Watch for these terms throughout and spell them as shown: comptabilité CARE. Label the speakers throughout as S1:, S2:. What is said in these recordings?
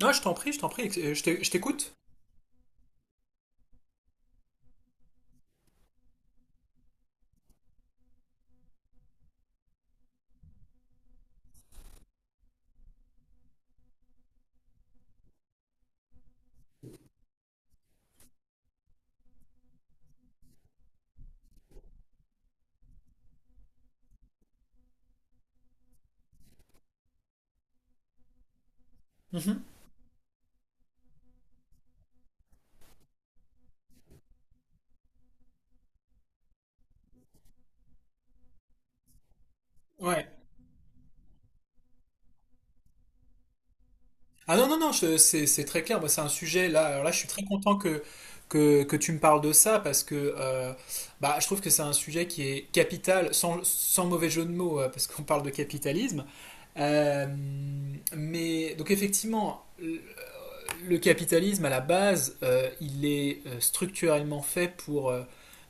S1: Non, je t'en prie, je t'en prie, je t'écoute. Mhm. Ouais. Ah non, non, non, c'est très clair. Moi, c'est un sujet là. Alors là, je suis très content que tu me parles de ça parce que bah, je trouve que c'est un sujet qui est capital, sans mauvais jeu de mots, parce qu'on parle de capitalisme. Euh, mais donc, effectivement, le capitalisme à la base, il est structurellement fait pour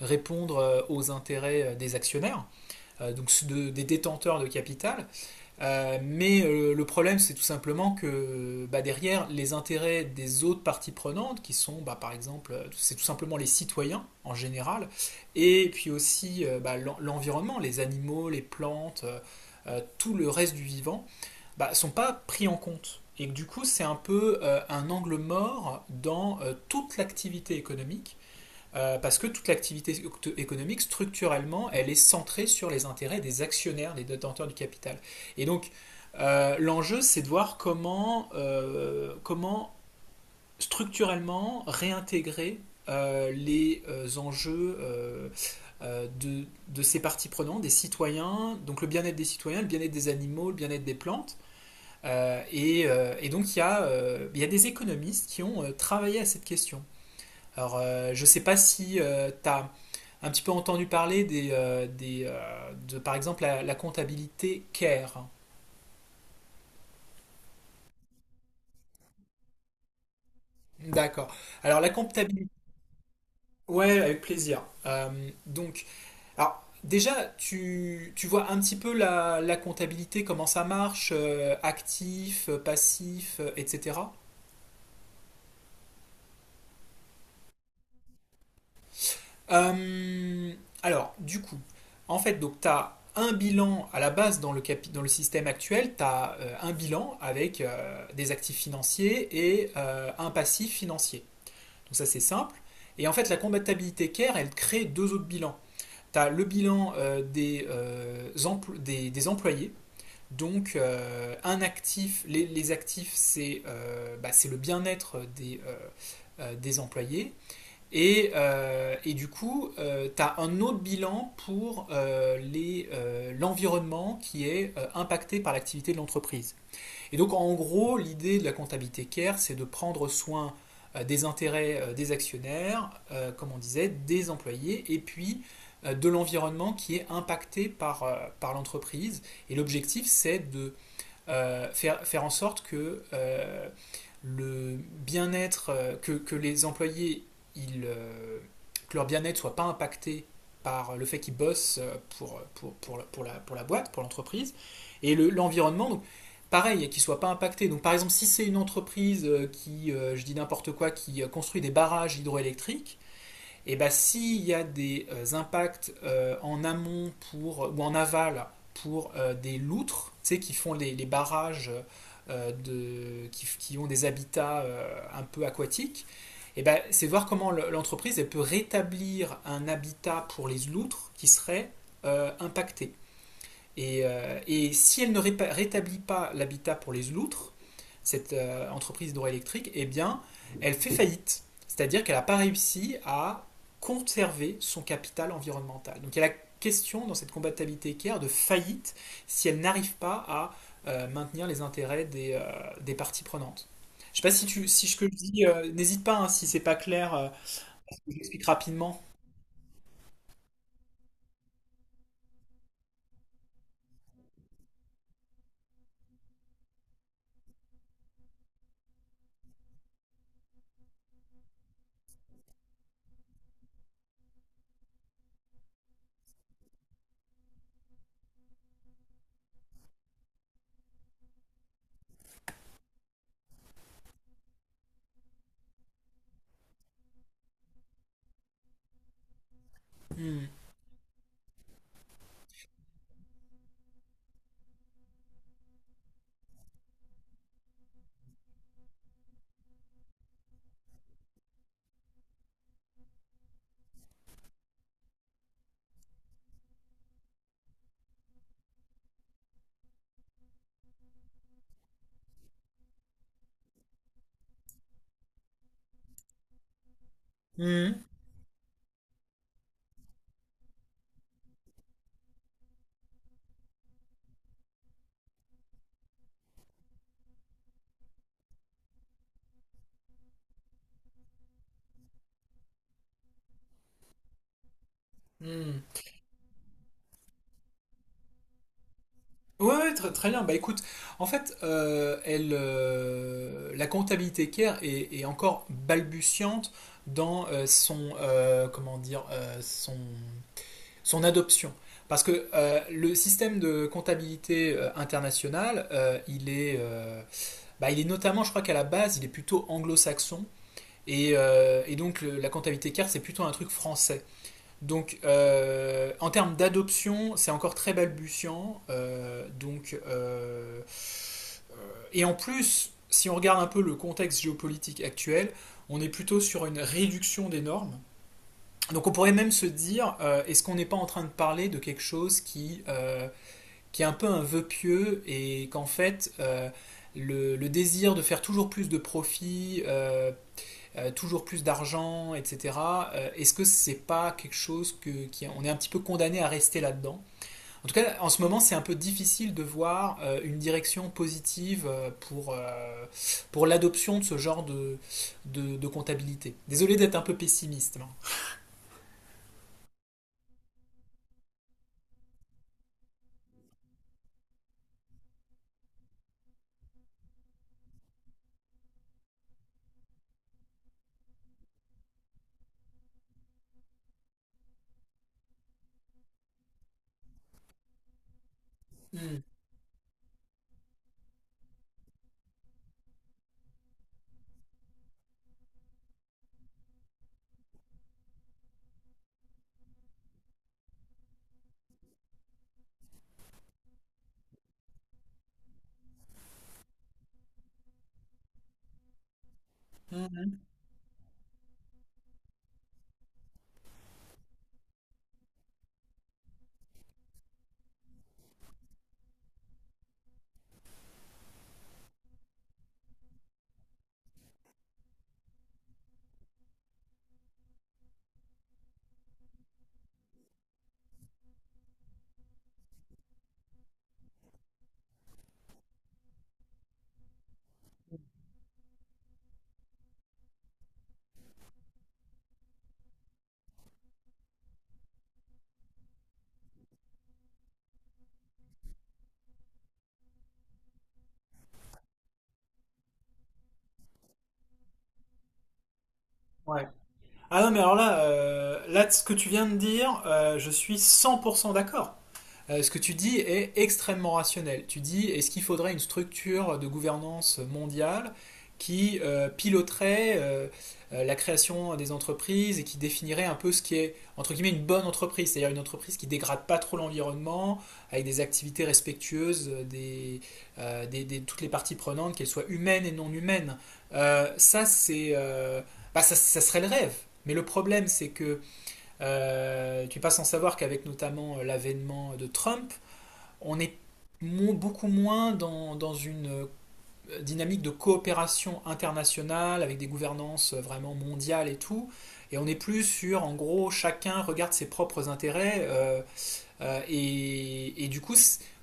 S1: répondre aux intérêts des actionnaires, donc des détenteurs de capital. Mais le problème, c'est tout simplement que bah, derrière, les intérêts des autres parties prenantes, qui sont bah, par exemple, c'est tout simplement les citoyens en général, et puis aussi bah, l'environnement, les animaux, les plantes, tout le reste du vivant, bah, sont pas pris en compte. Et du coup, c'est un peu un angle mort dans toute l'activité économique parce que toute l'activité économique, structurellement, elle est centrée sur les intérêts des actionnaires, des détenteurs du capital. Et donc, l'enjeu, c'est de voir comment, comment structurellement réintégrer les enjeux ces parties prenantes, des citoyens, donc le bien-être des citoyens, le bien-être des animaux, le bien-être des plantes. Et donc, il y a des économistes qui ont travaillé à cette question. Alors, je sais pas si tu as un petit peu entendu parler des, par exemple, la comptabilité CARE. D'accord. Alors, la comptabilité. Ouais, avec plaisir. Donc, alors, déjà, tu vois un petit peu la comptabilité, comment ça marche, actif, passif, etc. Euh, alors, du coup, en fait, donc tu as un bilan à la base dans le système actuel, tu as un bilan avec des actifs financiers et un passif financier. Donc ça, c'est simple. Et en fait, la compatibilité CARE, elle crée deux autres bilans. Tu as le bilan des employés. Donc, un actif, les actifs, c'est bah, c'est le bien-être des employés. Et du coup, tu as un autre bilan pour l'environnement qui est impacté par l'activité de l'entreprise. Et donc, en gros, l'idée de la comptabilité CARE, c'est de prendre soin des intérêts des actionnaires, comme on disait, des employés, et puis de l'environnement qui est impacté par l'entreprise. Et l'objectif, c'est de faire en sorte que le bien-être, que les employés, ils, euh, que leur bien-être soit pas impacté par le fait qu'ils bossent pour la boîte, pour l'entreprise, et l'environnement, donc pareil, qu'ils soient pas impactés. Donc par exemple, si c'est une entreprise qui, je dis n'importe quoi, qui construit des barrages hydroélectriques, et ben s'il y a des impacts en amont pour, ou en aval pour des loutres, tu sais, qui font les barrages qui ont des habitats un peu aquatiques, et ben c'est voir comment l'entreprise elle peut rétablir un habitat pour les loutres qui serait impacté. Et si elle ne rétablit pas l'habitat pour les loutres, cette entreprise d'or électrique, eh bien, elle fait faillite. C'est-à-dire qu'elle n'a pas réussi à conserver son capital environnemental. Donc il y a la question dans cette combattabilité équerre de faillite si elle n'arrive pas à maintenir les intérêts des parties prenantes. Je ne sais pas si ce que je dis, n'hésite pas hein, si c'est pas clair, j'explique rapidement. Hmm. Hmm. Hmm. Ouais, ouais, très, très bien. Bah écoute, en fait, la comptabilité care est encore balbutiante dans son, comment dire, son adoption. Parce que le système de comptabilité internationale, bah, il est notamment, je crois qu'à la base, il est plutôt anglo-saxon. Et donc la comptabilité care, c'est plutôt un truc français. Donc, en termes d'adoption, c'est encore très balbutiant. Donc, et en plus, si on regarde un peu le contexte géopolitique actuel, on est plutôt sur une réduction des normes. Donc, on pourrait même se dire, est-ce qu'on n'est pas en train de parler de quelque chose qui est un peu un vœu pieux et qu'en fait, le désir de faire toujours plus de profit, toujours plus d'argent, etc. Est-ce que c'est pas quelque chose que qui, on est un petit peu condamné à rester là-dedans. En tout cas, en ce moment, c'est un peu difficile de voir une direction positive pour l'adoption de ce genre de comptabilité. Désolé d'être un peu pessimiste, là. Hmm. Mhm. Ouais. Ah non, mais alors là, ce que tu viens de dire, je suis 100% d'accord. Ce que tu dis est extrêmement rationnel. Tu dis, est-ce qu'il faudrait une structure de gouvernance mondiale qui piloterait la création des entreprises et qui définirait un peu ce qui est, entre guillemets, une bonne entreprise, c'est-à-dire une entreprise qui dégrade pas trop l'environnement, avec des activités respectueuses des toutes les parties prenantes, qu'elles soient humaines et non humaines. Ça, c'est, bah, ça serait le rêve. Mais le problème, c'est que tu n'es pas sans savoir qu'avec notamment l'avènement de Trump, on est beaucoup moins dans une dynamique de coopération internationale avec des gouvernances vraiment mondiales et tout. Et on est plus sur, en gros, chacun regarde ses propres intérêts. Et, du coup,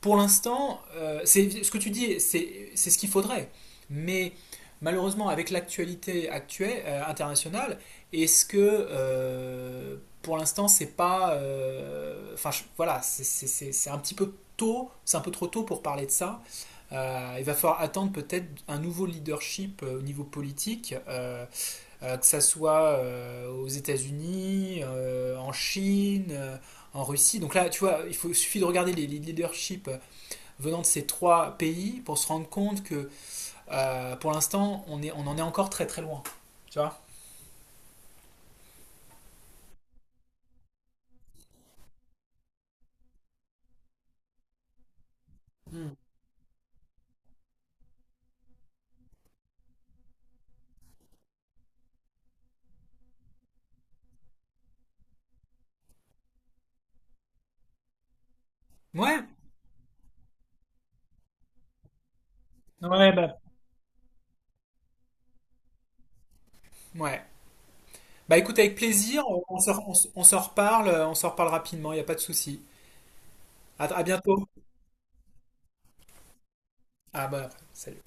S1: pour l'instant, c'est ce que tu dis, c'est ce qu'il faudrait. Mais malheureusement, avec l'actualité actuelle internationale, est-ce que pour l'instant, c'est pas, enfin voilà, c'est un petit peu tôt, c'est un peu trop tôt pour parler de ça. Il va falloir attendre peut-être un nouveau leadership au niveau politique que ça soit aux États-Unis, en Chine, en Russie. Donc là, tu vois, suffit de regarder les leaderships venant de ces trois pays pour se rendre compte que pour l'instant, on en est encore très très loin. Tu vois? Hmm. Ouais, ouais, bah, ouais. Bah écoute, avec plaisir, on s'en reparle rapidement, il n'y a pas de souci. À bientôt. Ah bah, salut.